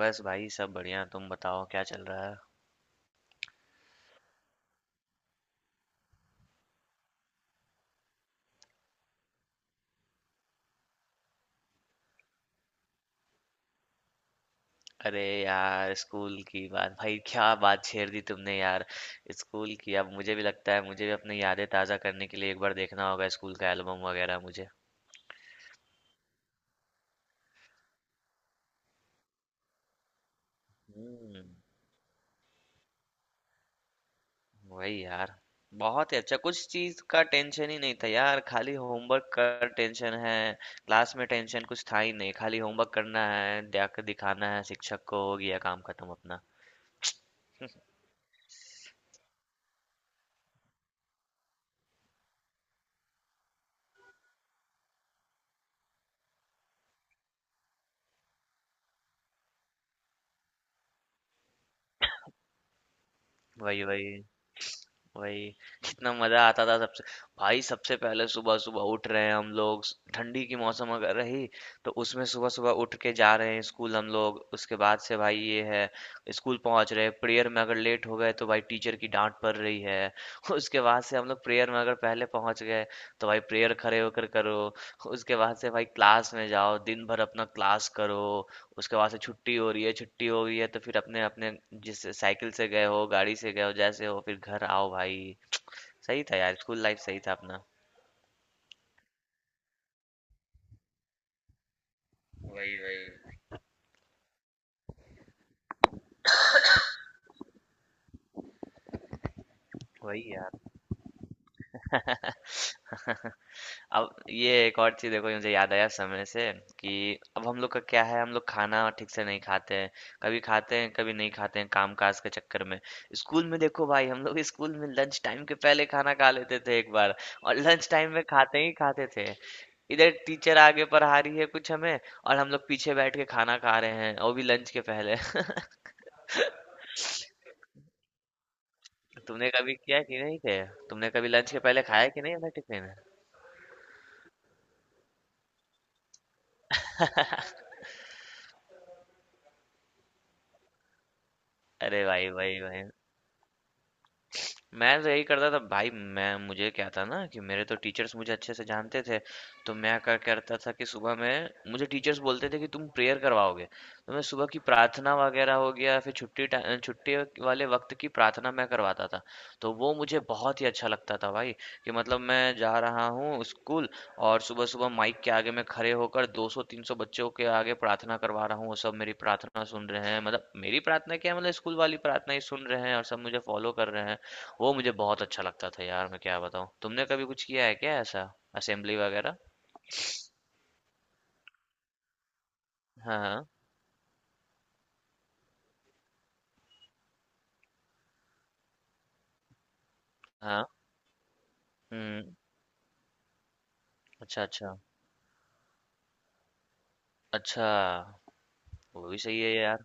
बस भाई सब बढ़िया। तुम बताओ क्या चल रहा है। अरे यार स्कूल की बात, भाई क्या बात छेड़ दी तुमने यार। स्कूल की, अब मुझे भी लगता है मुझे भी अपनी यादें ताज़ा करने के लिए एक बार देखना होगा स्कूल का एल्बम वगैरह मुझे। हम्म। वही यार। बहुत ही अच्छा, कुछ चीज़ का टेंशन ही नहीं था यार, खाली होमवर्क का टेंशन है। क्लास में टेंशन कुछ था ही नहीं, खाली होमवर्क करना है, जाकर दिखाना है शिक्षक को, हो गया काम खत्म अपना। वही वही वही। कितना मजा आता था सबसे। भाई सबसे पहले सुबह सुबह उठ रहे हैं हम लोग, ठंडी की मौसम अगर रही तो उसमें सुबह सुबह उठ के जा रहे हैं स्कूल हम लोग। उसके बाद से भाई ये है, स्कूल पहुंच रहे हैं, प्रेयर में अगर लेट हो गए तो भाई टीचर की डांट पड़ रही है। उसके बाद से हम लोग प्रेयर में अगर पहले पहुंच गए तो भाई प्रेयर खड़े होकर करो। उसके बाद से भाई क्लास में जाओ, दिन भर अपना क्लास करो। उसके बाद से छुट्टी हो रही है, छुट्टी हो गई है तो फिर अपने अपने जिस साइकिल से गए हो, गाड़ी से गए हो, जैसे हो फिर घर आओ भाई। सही था यार, स्कूल लाइफ सही था अपना। वही वही वही यार। अब ये एक और चीज देखो, ये मुझे याद आया समय से कि अब हम लोग का क्या है, हम लोग खाना ठीक से नहीं खाते हैं, कभी खाते हैं कभी नहीं खाते हैं काम काज के चक्कर में। स्कूल में देखो भाई, हम लोग स्कूल में लंच टाइम के पहले खाना खा लेते थे एक बार, और लंच टाइम में खाते ही खाते थे। इधर टीचर आगे पढ़ा रही है कुछ हमें, और हम लोग पीछे बैठ के खाना खा रहे हैं, वो भी लंच के पहले। तुमने कभी किया कि नहीं किया, तुमने कभी लंच के पहले खाया कि नहीं अपना टिफिन। अरे भाई भाई भाई, मैं तो यही करता था भाई। मैं मुझे क्या था ना कि मेरे तो टीचर्स मुझे अच्छे से जानते थे। तो मैं क्या करता था कि सुबह में मुझे टीचर्स बोलते थे कि तुम प्रेयर करवाओगे। तो मैं सुबह की प्रार्थना वगैरह हो गया, फिर छुट्टी छुट्टी वाले वक्त की प्रार्थना मैं करवाता था। तो वो मुझे बहुत ही अच्छा लगता था भाई, कि मतलब मैं जा रहा हूँ स्कूल और सुबह सुबह माइक के आगे मैं खड़े होकर 200-300 बच्चों के आगे प्रार्थना करवा रहा हूँ, वो सब मेरी प्रार्थना सुन रहे हैं, मतलब मेरी प्रार्थना क्या है, मतलब स्कूल वाली प्रार्थना ही सुन रहे हैं और सब मुझे फॉलो कर रहे हैं। वो मुझे बहुत अच्छा लगता था यार, मैं क्या बताऊँ। तुमने कभी कुछ किया है क्या ऐसा, असेंबली वगैरह। हाँ हाँ हाँ। हम्म। अच्छा अच्छा। अच्छा। वो भी सही है यार।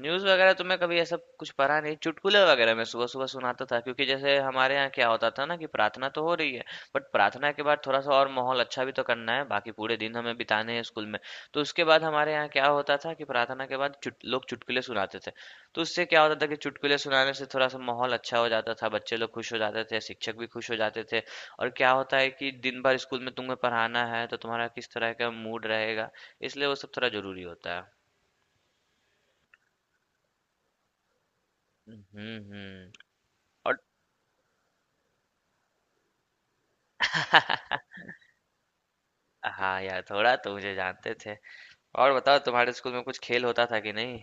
न्यूज़ वगैरह तो मैं कभी ऐसा कुछ पढ़ा नहीं, चुटकुले वगैरह मैं सुबह-सुबह सुनाता था, क्योंकि जैसे हमारे यहाँ क्या होता था ना कि प्रार्थना तो हो रही है, बट प्रार्थना के बाद थोड़ा-सा और माहौल अच्छा भी तो करना है, बाकी पूरे दिन हमें बिताने हैं स्कूल में। तो उसके बाद हमारे यहाँ क्या होता था कि प्रार्थना के बाद चुट लोग चुटकुले सुनाते थे। तो उससे क्या होता था कि चुटकुले सुनाने से थोड़ा-सा माहौल अच्छा हो जाता था, बच्चे लोग खुश हो जाते थे, शिक्षक भी खुश हो जाते थे। और क्या होता है कि दिन भर स्कूल में तुम्हें पढ़ाना है तो तुम्हारा किस तरह का मूड रहेगा, इसलिए वो सब थोड़ा ज़रूरी होता है। हुँ, हुँ। और हाँ यार, थोड़ा तो मुझे जानते थे। और बताओ, तुम्हारे स्कूल में कुछ खेल होता था कि नहीं।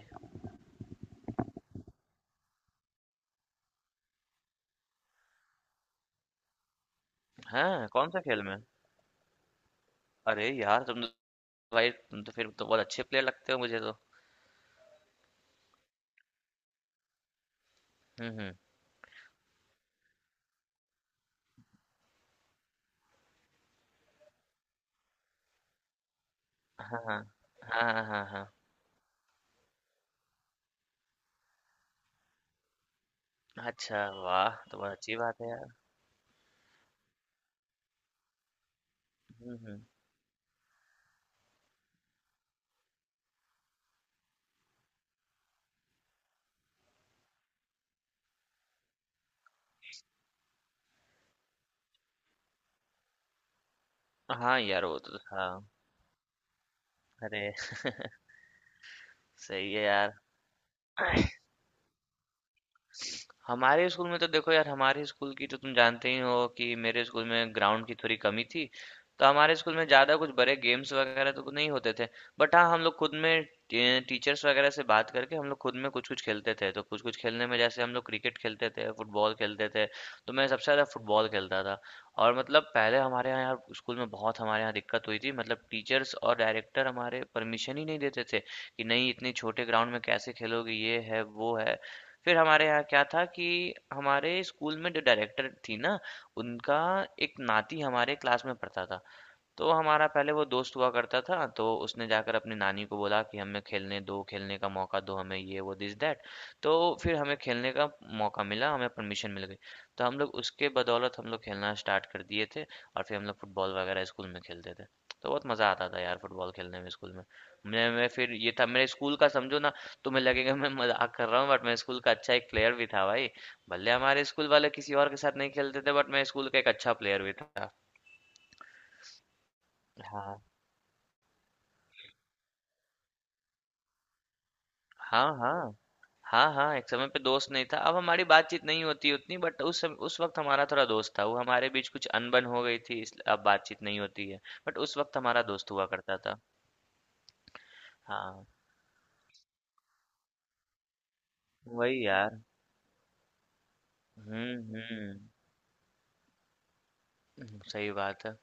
हाँ कौन सा खेल में। अरे यार तुम तो, भाई तुम तो फिर तो बहुत अच्छे प्लेयर लगते हो मुझे तो। हम्म। हाँ हाँ हाँ हाँ हाँ। हाँ। अच्छा वाह, तो बहुत अच्छी बात है यार। हम्म। हाँ यार वो तो, हाँ। अरे। सही है यार। हमारे स्कूल में तो देखो यार, हमारे स्कूल की तो तुम जानते ही हो कि मेरे स्कूल में ग्राउंड की थोड़ी कमी थी। तो हमारे स्कूल में ज़्यादा कुछ बड़े गेम्स वगैरह तो नहीं होते थे। बट हाँ, हम लोग खुद में टीचर्स वगैरह से बात करके हम लोग खुद में कुछ कुछ खेलते थे। तो कुछ कुछ खेलने में जैसे हम लोग क्रिकेट खेलते थे, फुटबॉल खेलते थे। तो मैं सबसे ज़्यादा फुटबॉल खेलता था। और मतलब पहले हमारे यहाँ यार स्कूल में बहुत हमारे यहाँ दिक्कत हुई थी, मतलब टीचर्स और डायरेक्टर हमारे परमिशन ही नहीं देते थे कि नहीं इतने छोटे ग्राउंड में कैसे खेलोगे, ये है वो है। फिर हमारे यहाँ क्या था कि हमारे स्कूल में जो डायरेक्टर थी ना, उनका एक नाती हमारे क्लास में पढ़ता था। तो हमारा पहले वो दोस्त हुआ करता था, तो उसने जाकर अपनी नानी को बोला कि हमें खेलने दो, खेलने का मौका दो हमें, ये वो दिस दैट। तो फिर हमें खेलने का मौका मिला, हमें परमिशन मिल गई। तो हम लोग उसके बदौलत हम लोग खेलना स्टार्ट कर दिए थे और फिर हम लोग फुटबॉल वगैरह स्कूल में खेलते थे। तो बहुत मज़ा आता था यार फुटबॉल खेलने में स्कूल में। मैं फिर ये था मेरे स्कूल का समझो ना, तुम्हें लगेगा मैं मज़ाक कर रहा हूँ बट मैं स्कूल का अच्छा एक प्लेयर भी था भाई। भले हमारे स्कूल वाले किसी और के साथ नहीं खेलते थे बट मैं स्कूल का एक अच्छा प्लेयर भी था। हाँ। हाँ, हाँ। हाँ, हाँ, एक समय पे दोस्त नहीं था। अब हमारी बातचीत नहीं होती उतनी, बट उस वक़्त हमारा थोड़ा दोस्त था। वो हमारे बीच कुछ अनबन हो गई थी इसलिए अब बातचीत नहीं होती है। बट उस वक़्त हमारा दोस्त हुआ करता था। हाँ, वही यार। हुँ, हुँ। हुँ, सही बात है।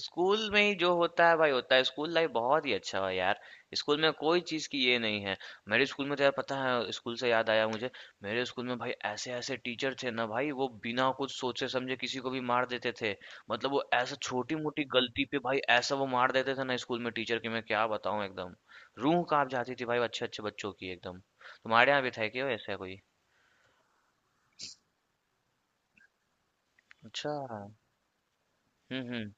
स्कूल में ही जो होता है भाई होता है। स्कूल लाइफ बहुत ही अच्छा है यार। स्कूल में कोई चीज़ की ये नहीं है। मेरे स्कूल में तो यार पता है, स्कूल से याद आया मुझे, मेरे स्कूल में भाई ऐसे-ऐसे टीचर थे ना भाई, वो बिना कुछ सोचे समझे किसी को भी मार देते थे। मतलब वो ऐसा छोटी-मोटी गलती पे भाई ऐसा वो मार देते थे ना स्कूल में टीचर, कि मैं क्या बताऊँ एकदम। रूह काँप जाती थी भाई अच्छे-अच्छे बच्चों की एकदम। तुम्हारे यहाँ भी था क्या ऐसा कोई? अच्छा। हुँ, हुँ।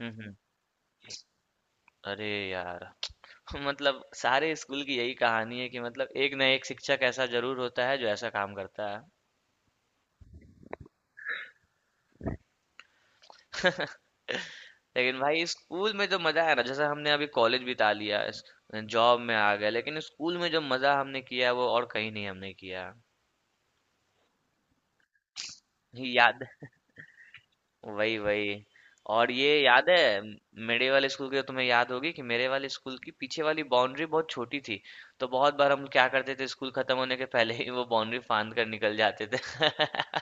हुँ, हुँ। अरे यार! मतलब सारे स्कूल की यही कहानी है कि मतलब एक ना एक शिक्षक ऐसा जरूर होता है जो ऐसा काम करता है। लेकिन भाई स्कूल में जो मजा है ना, जैसे हमने अभी कॉलेज बिता लिया, जॉब में आ गए, लेकिन स्कूल में जो मजा हमने किया है वो और कहीं नहीं हमने किया है। याद वही वही। और ये याद है, मेरे वाले स्कूल की तो तुम्हें याद होगी कि मेरे वाले स्कूल की पीछे वाली बाउंड्री बहुत छोटी थी। तो बहुत बार हम क्या करते थे, स्कूल खत्म होने के पहले ही वो बाउंड्री फांद कर निकल जाते थे।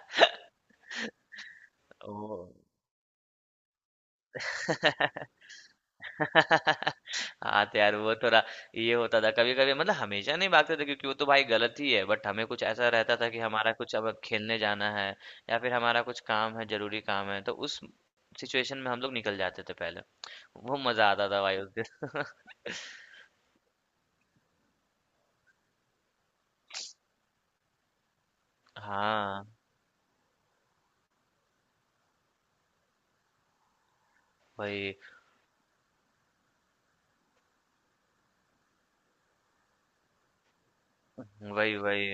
ओ। हाँ तो यार वो थोड़ा ये होता था कभी कभी, मतलब हमेशा नहीं भागते थे क्योंकि वो तो भाई गलत ही है, बट हमें कुछ ऐसा रहता था कि हमारा कुछ अब खेलने जाना है या फिर हमारा कुछ काम है, जरूरी काम है, तो उस सिचुएशन में हम लोग निकल जाते थे पहले। वो मजा आता था भाई उस दिन। हाँ। वही वही वही।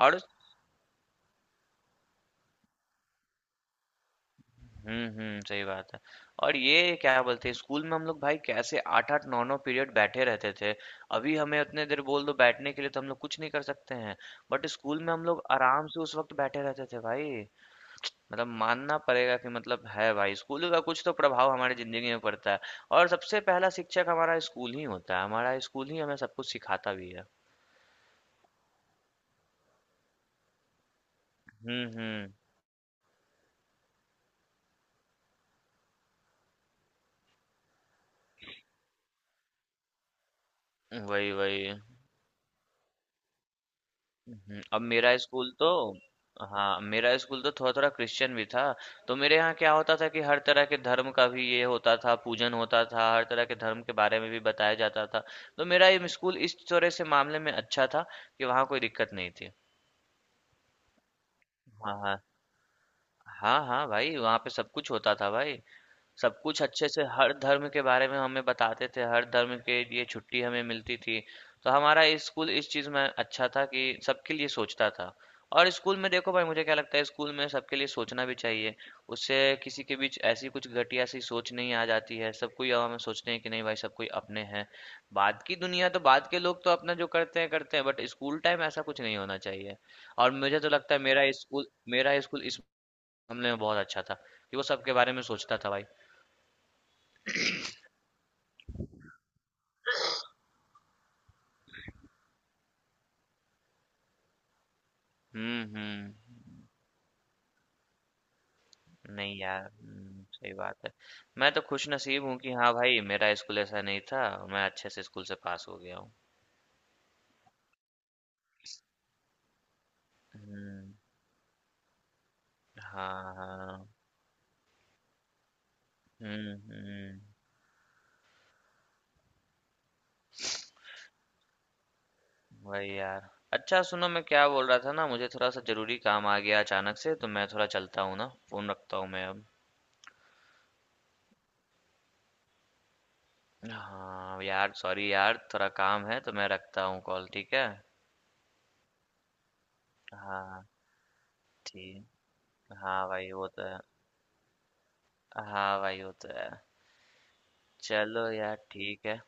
और हुँ, हुँ, सही बात है। और ये क्या बोलते हैं, स्कूल में हम लोग भाई कैसे 8-8 9-9 पीरियड बैठे रहते थे। अभी हमें उतने देर बोल दो बैठने के लिए तो हम लोग कुछ नहीं कर सकते हैं। बट स्कूल में हम लोग आराम से उस वक़्त बैठे रहते थे भाई। मतलब मानना पड़ेगा कि मतलब है भाई स्कूल का कुछ तो प्रभाव हमारी ज़िंदगी में पड़ता है। और सबसे पहला शिक्षक हमारा स्कूल ही होता है। हमारा स्कूल ही हमें सब कुछ सिखाता भी है। हुँ, हुँ। वही, वही। अब मेरा स्कूल तो, हाँ मेरा स्कूल तो थोड़ा थोड़ा क्रिश्चियन भी था। तो मेरे यहाँ क्या होता था कि हर तरह के धर्म का भी ये होता था, पूजन होता था, हर तरह के धर्म के बारे में भी बताया जाता था। तो मेरा ये स्कूल इस तरह से मामले में अच्छा था, कि वहाँ कोई दिक्कत नहीं थी। हाँ हाँ। हाँ हाँ भाई, वहाँ पे सब कुछ होता था भाई। सब कुछ अच्छे से, हर धर्म के बारे में हमें बताते थे, हर धर्म के लिए छुट्टी हमें मिलती थी। तो हमारा स्कूल इस चीज़ में अच्छा था कि सबके लिए सोचता था। और स्कूल में देखो भाई, मुझे क्या लगता है, स्कूल में सबके लिए सोचना भी चाहिए। उससे किसी के बीच ऐसी कुछ घटिया सी सोच नहीं आ जाती है, सब कोई हमें सोचते हैं कि नहीं भाई सब कोई अपने हैं। बाद की दुनिया तो बाद के लोग तो अपना जो करते हैं करते हैं, बट स्कूल टाइम ऐसा कुछ नहीं होना चाहिए। और मुझे तो लगता है मेरा स्कूल, मेरा स्कूल इस मामले में बहुत अच्छा था, कि वो सबके बारे में सोचता था भाई। हुँ, हुँ। नहीं यार, हुँ, सही बात है। मैं तो खुशनसीब हूँ कि हाँ भाई, मेरा स्कूल ऐसा नहीं था, मैं अच्छे से स्कूल से पास हो गया हूँ। हुँ। हाँ, हाँ। हुँ, हुँ। वही यार। अच्छा सुनो, मैं क्या बोल रहा था ना, मुझे थोड़ा-सा ज़रूरी काम आ गया अचानक से, तो मैं थोड़ा चलता हूँ ना, फ़ोन रखता हूँ मैं अब। हाँ, यार सॉरी यार, थोड़ा काम है तो मैं रखता हूँ कॉल, ठीक है? हाँ, ठीक। हाँ भाई, वो तो है। हाँ भाई, वो तो है। चलो यार, ठीक है।